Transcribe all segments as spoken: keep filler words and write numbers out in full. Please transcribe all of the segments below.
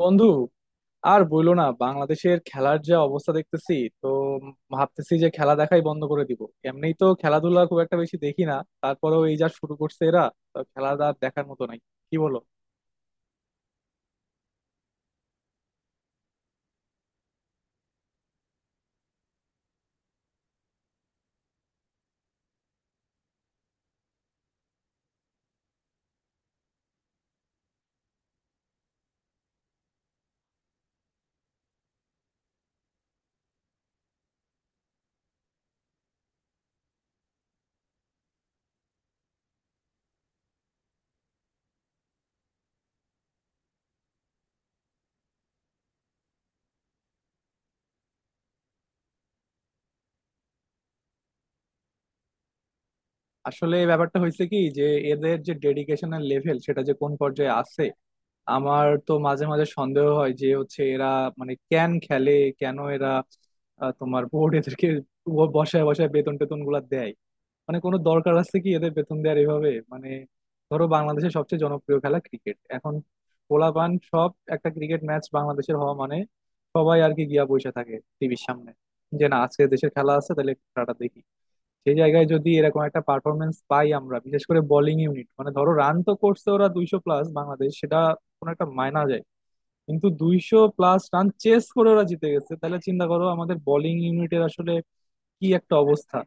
বন্ধু, আর বইলো না, বাংলাদেশের খেলার যা অবস্থা দেখতেছি, তো ভাবতেছি যে খেলা দেখাই বন্ধ করে দিব। এমনি তো খেলাধুলা খুব একটা বেশি দেখি না, তারপরেও এই যা শুরু করছে এরা, তো খেলা আর দেখার মতো নাই। কি বলো? আসলে এই ব্যাপারটা হয়েছে কি যে, এদের যে ডেডিকেশনের লেভেল সেটা যে কোন পর্যায়ে আছে, আমার তো মাঝে মাঝে সন্দেহ হয় যে হচ্ছে এরা মানে কেন খেলে, কেন এরা আহ, তোমার বোর্ড এদেরকে বসায় বসায় বেতন টেতন গুলা দেয়। মানে কোনো দরকার আছে কি এদের বেতন দেওয়ার এভাবে? মানে ধরো, বাংলাদেশের সবচেয়ে জনপ্রিয় খেলা ক্রিকেট এখন, পোলাপান সব, একটা ক্রিকেট ম্যাচ বাংলাদেশের হওয়া মানে সবাই আর কি গিয়া বসে থাকে টিভির সামনে যে না, আজকে দেশের খেলা আছে, তাহলে একটু খেলাটা দেখি। সেই জায়গায় যদি এরকম একটা পারফরমেন্স পাই আমরা, বিশেষ করে বোলিং ইউনিট, মানে ধরো রান তো করছে ওরা দুইশো প্লাস, বাংলাদেশ সেটা কোনো একটা মায়না যায়, কিন্তু দুইশো প্লাস রান চেস করে ওরা জিতে গেছে তাহলে চিন্তা করো আমাদের বোলিং ইউনিটের আসলে কি একটা অবস্থা।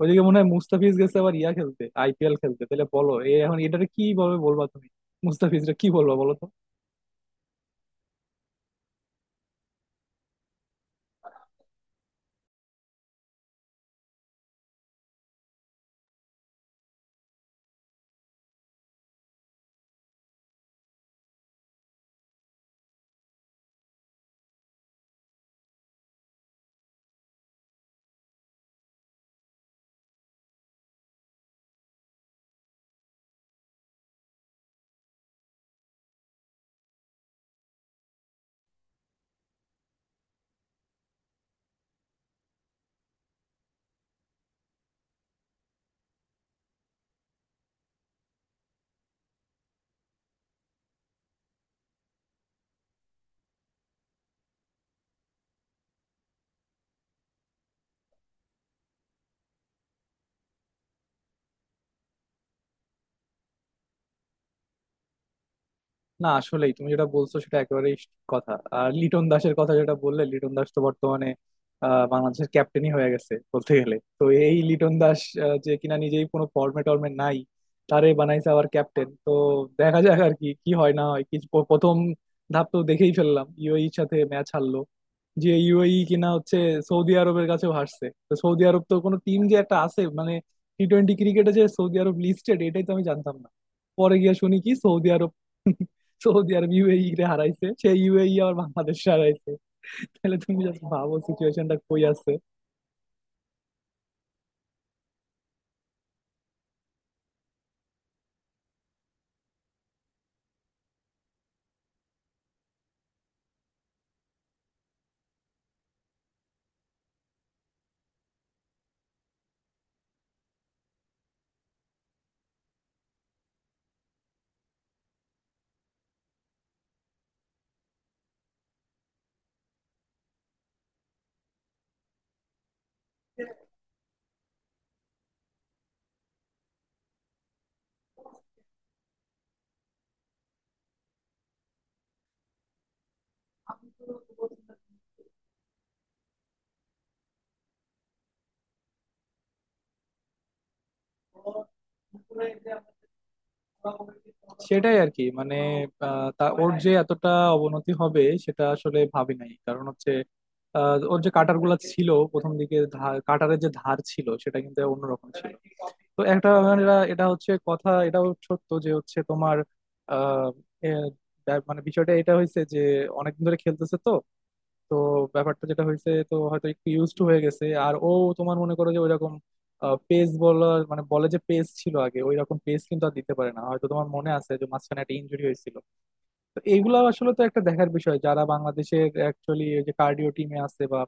ওইদিকে মনে হয় মুস্তাফিজ গেছে আবার ইয়া খেলতে, আইপিএল খেলতে। তাহলে বলো, এ এখন এটারে কি ভাবে বলবা তুমি? মুস্তাফিজরা, কি বলবা বলো তো। না, আসলেই তুমি যেটা বলছো সেটা একেবারেই ঠিক কথা। আর লিটন দাসের কথা যেটা বললে, লিটন দাস তো বর্তমানে আহ, বাংলাদেশের ক্যাপ্টেনই হয়ে গেছে বলতে গেলে, তো এই লিটন দাস আহ, যে কিনা নিজেই কোনো ফর্মে টর্মে নাই, তারে বানাইছে আবার ক্যাপ্টেন। তো দেখা যাক আর কি কি হয় না হয়। কিছু প- প্রথম ধাপ তো দেখেই ফেললাম, ইউএইর সাথে ম্যাচ হারলো। যে ইউএই কিনা হচ্ছে সৌদি আরবের কাছেও হারছে, তো সৌদি আরব তো কোনো টিম যে একটা আছে মানে, টি টোয়েন্টি ক্রিকেটে যে সৌদি আরব লিস্টেড এটাই তো আমি জানতাম না। পরে গিয়ে শুনি কি, সৌদি আরব, সৌদি আরব ইউএই রে হারাইছে, সেই ইউএই আবার বাংলাদেশ হারাইছে। তাহলে তুমি জাস্ট ভাবো সিচুয়েশনটা কই আছে। সেটাই আর কি, মানে আহ, তা ওর যে এতটা অবনতি হবে সেটা আসলে ভাবি নাই। কারণ হচ্ছে, আহ, ওর যে কাটার গুলা ছিল প্রথম দিকে, ধার, কাটারের যে ধার ছিল সেটা কিন্তু অন্যরকম ছিল। তো একটা মানে এটা এটা হচ্ছে কথা। এটাও সত্য যে হচ্ছে, তোমার আহ, এ, ব্যাপ- মানে বিষয়টা এটা হয়েছে যে অনেকদিন ধরে খেলতেছে তো। তো ব্যাপারটা যেটা হয়েছে, তো হয়তো একটু ইউজ টু হয়ে গেছে। আর ও, তোমার মনে করো যে, ওইরকম পেস বলার, মানে বলে যে পেস ছিল আগে, ওইরকম পেস কিন্তু আর দিতে পারে না। হয়তো তোমার মনে আছে যে মাঝখানে একটা ইনজুরি হয়েছিল। তো এইগুলা আসলে তো একটা দেখার বিষয়, যারা বাংলাদেশের অ্যাকচুয়ালি যে কার্ডিও টিমে আছে বা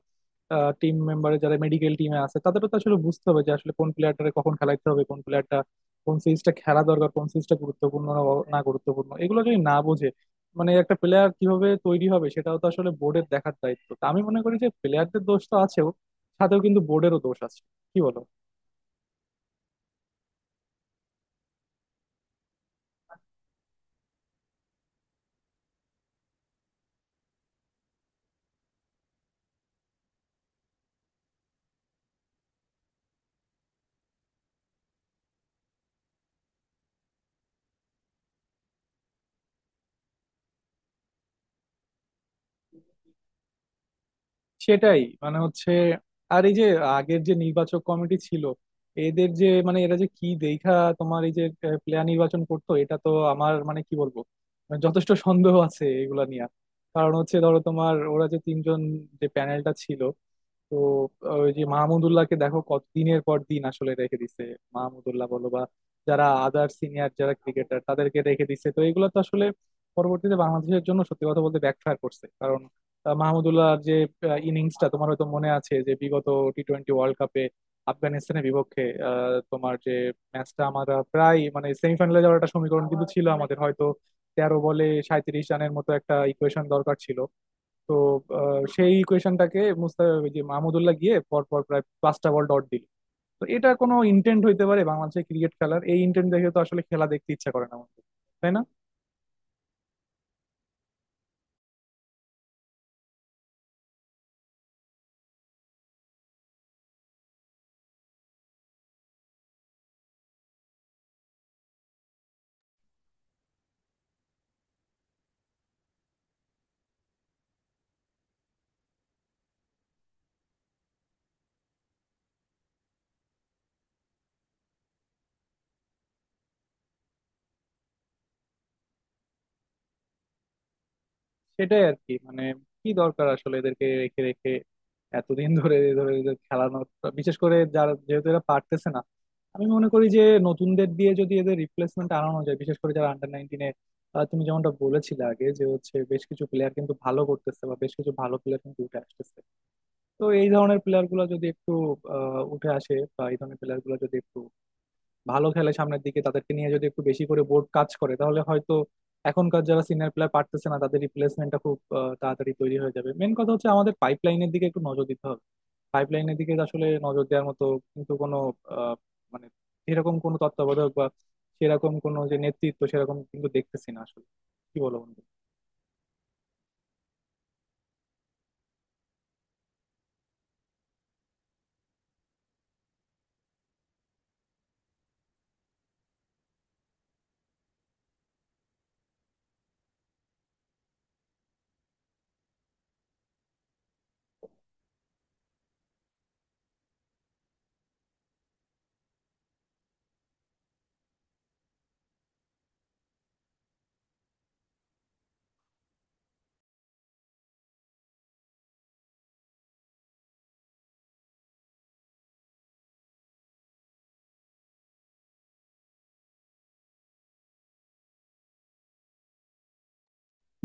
টিম মেম্বারে, যারা মেডিকেল টিমে আছে, তাদেরও তো আসলে বুঝতে হবে যে আসলে কোন প্লেয়ারটারে কখন খেলাইতে হবে, কোন প্লেয়ারটা কোন সিরিজটা খেলা দরকার, কোন সিরিজটা গুরুত্বপূর্ণ না না গুরুত্বপূর্ণ, এগুলো যদি না বোঝে। মানে একটা প্লেয়ার কিভাবে তৈরি হবে সেটাও তো আসলে বোর্ডের দেখার দায়িত্ব। তা আমি মনে করি যে প্লেয়ারদের দোষ তো আছেও, সাথেও কিন্তু বোর্ডেরও দোষ আছে। কি বলো? সেটাই, মানে হচ্ছে, আর এই যে আগের যে নির্বাচক কমিটি ছিল, এদের যে, মানে এরা যে কি দেখা, তোমার এই যে প্লেয়ার নির্বাচন করতো, এটা তো আমার মানে কি বলবো, মানে যথেষ্ট সন্দেহ আছে এগুলা নিয়ে। কারণ হচ্ছে, ধরো তোমার ওরা যে তিনজন, যে প্যানেলটা ছিল, তো ওই যে মাহমুদুল্লাহকে দেখো কত দিনের পর দিন আসলে রেখে দিছে। মাহমুদুল্লাহ বলো বা যারা আদার সিনিয়র যারা ক্রিকেটার, তাদেরকে রেখে দিছে। তো এগুলো তো আসলে পরবর্তীতে বাংলাদেশের জন্য সত্যি কথা বলতে ব্যাকফায়ার করছে। কারণ আহ, মাহমুদুল্লাহর যে ইনিংসটা তোমার হয়তো মনে আছে যে বিগত টি টোয়েন্টি ওয়ার্ল্ড কাপে আফগানিস্তানের বিপক্ষে, আহ, তোমার যে ম্যাচটা আমরা প্রায় মানে সেমিফাইনালে যাওয়ার একটা সমীকরণ কিন্তু ছিল আমাদের, হয়তো তেরো বলে সাঁইত্রিশ রানের মতো একটা ইকুয়েশন দরকার ছিল। তো আহ, সেই ইকুয়েশনটাকে মুস্তা ওই যে মাহমুদুল্লাহ গিয়ে পর পর প্রায় পাঁচটা বল ডট দিল। তো এটা কোনো ইন্টেন্ট হইতে পারে? বাংলাদেশের ক্রিকেট খেলার এই ইন্টেন্ট দেখে তো আসলে খেলা দেখতে ইচ্ছা করে না আমাদের। তাই না? সেটাই আর কি, মানে কি দরকার আসলে এদেরকে রেখে রেখে এতদিন ধরে ধরে এদের খেলানোর, বিশেষ করে যারা, যেহেতু এরা পারতেছে না? আমি মনে করি যে নতুনদের দিয়ে যদি এদের রিপ্লেসমেন্ট আনানো যায়, বিশেষ করে যারা আন্ডার নাইনটিনে, তুমি যেমনটা বলেছিলে আগে যে হচ্ছে বেশ কিছু প্লেয়ার কিন্তু ভালো করতেছে বা বেশ কিছু ভালো প্লেয়ার কিন্তু উঠে আসতেছে, তো এই ধরনের প্লেয়ার গুলো যদি একটু আহ, উঠে আসে বা এই ধরনের প্লেয়ার গুলো যদি একটু ভালো খেলে সামনের দিকে, তাদেরকে নিয়ে যদি একটু বেশি করে বোর্ড কাজ করে, তাহলে হয়তো এখনকার যারা সিনিয়র প্লেয়ার পারতেছে না তাদের রিপ্লেসমেন্টটা খুব আহ, তাড়াতাড়ি তৈরি হয়ে যাবে। মেন কথা হচ্ছে আমাদের পাইপলাইনের দিকে একটু নজর দিতে হবে। পাইপলাইনের দিকে আসলে নজর দেওয়ার মতো কিন্তু কোনো আহ, মানে এরকম কোনো তত্ত্বাবধায়ক বা সেরকম কোনো, যে নেতৃত্ব সেরকম কিন্তু দেখতেছি না আসলে। কি বলো বন্ধু?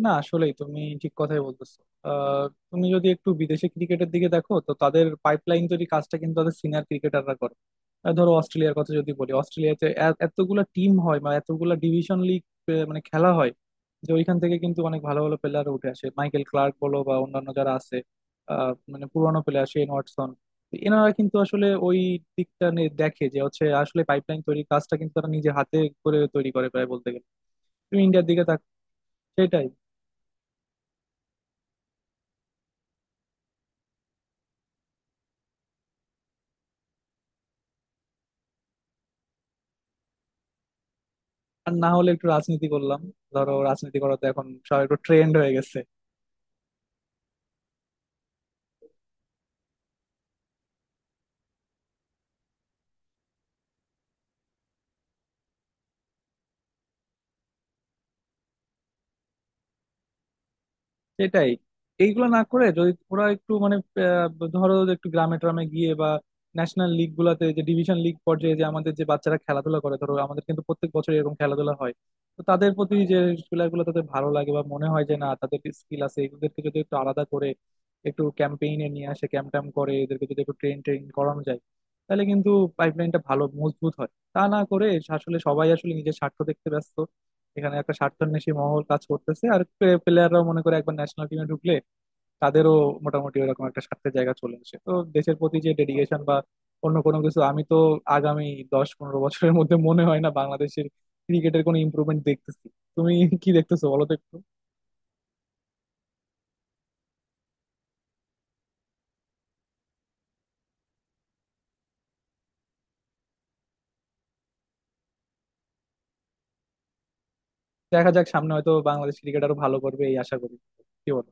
না, আসলেই তুমি ঠিক কথাই বলতেছো। আহ, তুমি যদি একটু বিদেশি ক্রিকেটের দিকে দেখো, তো তাদের পাইপলাইন তৈরি কাজটা কিন্তু তাদের সিনিয়র ক্রিকেটাররা করে। আহ, ধরো অস্ট্রেলিয়ার কথা যদি বলি, অস্ট্রেলিয়াতে এ- এতগুলা টিম হয় বা এতগুলা ডিভিশন লিগ, মানে খেলা হয়, যে ওইখান থেকে কিন্তু অনেক ভালো ভালো প্লেয়ার উঠে আসে, মাইকেল ক্লার্ক বলো বা অন্যান্য যারা আছে, আহ, মানে পুরোনো প্লেয়ার শেন ওয়াটসন। তো এনারা কিন্তু আসলে ওই দিকটা নিয়ে দেখে যে হচ্ছে আসলে পাইপলাইন তৈরির কাজটা কিন্তু তারা নিজে হাতে করে, তৈরি করে প্রায় বলতে গেলে। তুমি ইন্ডিয়ার দিকে তাক। সেটাই। আর না হলে একটু রাজনীতি করলাম, ধরো, রাজনীতি করা তো এখন সবাই একটু, ট্রেন্ড হয়ে গেছে। সেটাই। এইগুলো না করে যদি ওরা একটু মানে, আহ, ধরো যে একটু গ্রামে ট্রামে গিয়ে বা ন্যাশনাল লিগ গুলাতে, যে ডিভিশন লিগ পর্যায়ে যে আমাদের যে বাচ্চারা খেলাধুলা করে, ধরো আমাদের কিন্তু প্রত্যেক বছর এরকম খেলাধুলা হয়, তো তাদের প্রতি যে, খেলাগুলো তাদের ভালো লাগে বা মনে হয় যে না তাদের স্কিল আছে, এদেরকে যদি একটু আলাদা করে একটু ক্যাম্পেইনে নিয়ে আসে, ক্যাম্প ট্যাম্প করে এদেরকে যদি একটু ট্রেন ট্রেন করানো যায়, তাহলে কিন্তু পাইপলাইনটা ভালো মজবুত হয়। তা না করে আসলে সবাই আসলে নিজের স্বার্থ দেখতে ব্যস্ত। এখানে একটা স্বার্থান্বেষী মহল কাজ করতেছে, আর প্লেয়াররাও মনে করে একবার ন্যাশনাল টিমে ঢুকলে তাদেরও মোটামুটি ওরকম একটা স্বার্থের জায়গা চলে আসে। তো দেশের প্রতি যে ডেডিকেশন বা অন্য কোনো কিছু, আমি তো আগামী দশ পনেরো বছরের মধ্যে মনে হয় না বাংলাদেশের ক্রিকেটের কোনো ইমপ্রুভমেন্ট দেখতেছি। তুমি কি দেখতেছো বলো তো একটু। দেখা যাক, সামনে হয়তো বাংলাদেশ ক্রিকেট আরো ভালো করবে, এই আশা করি। কি বলো?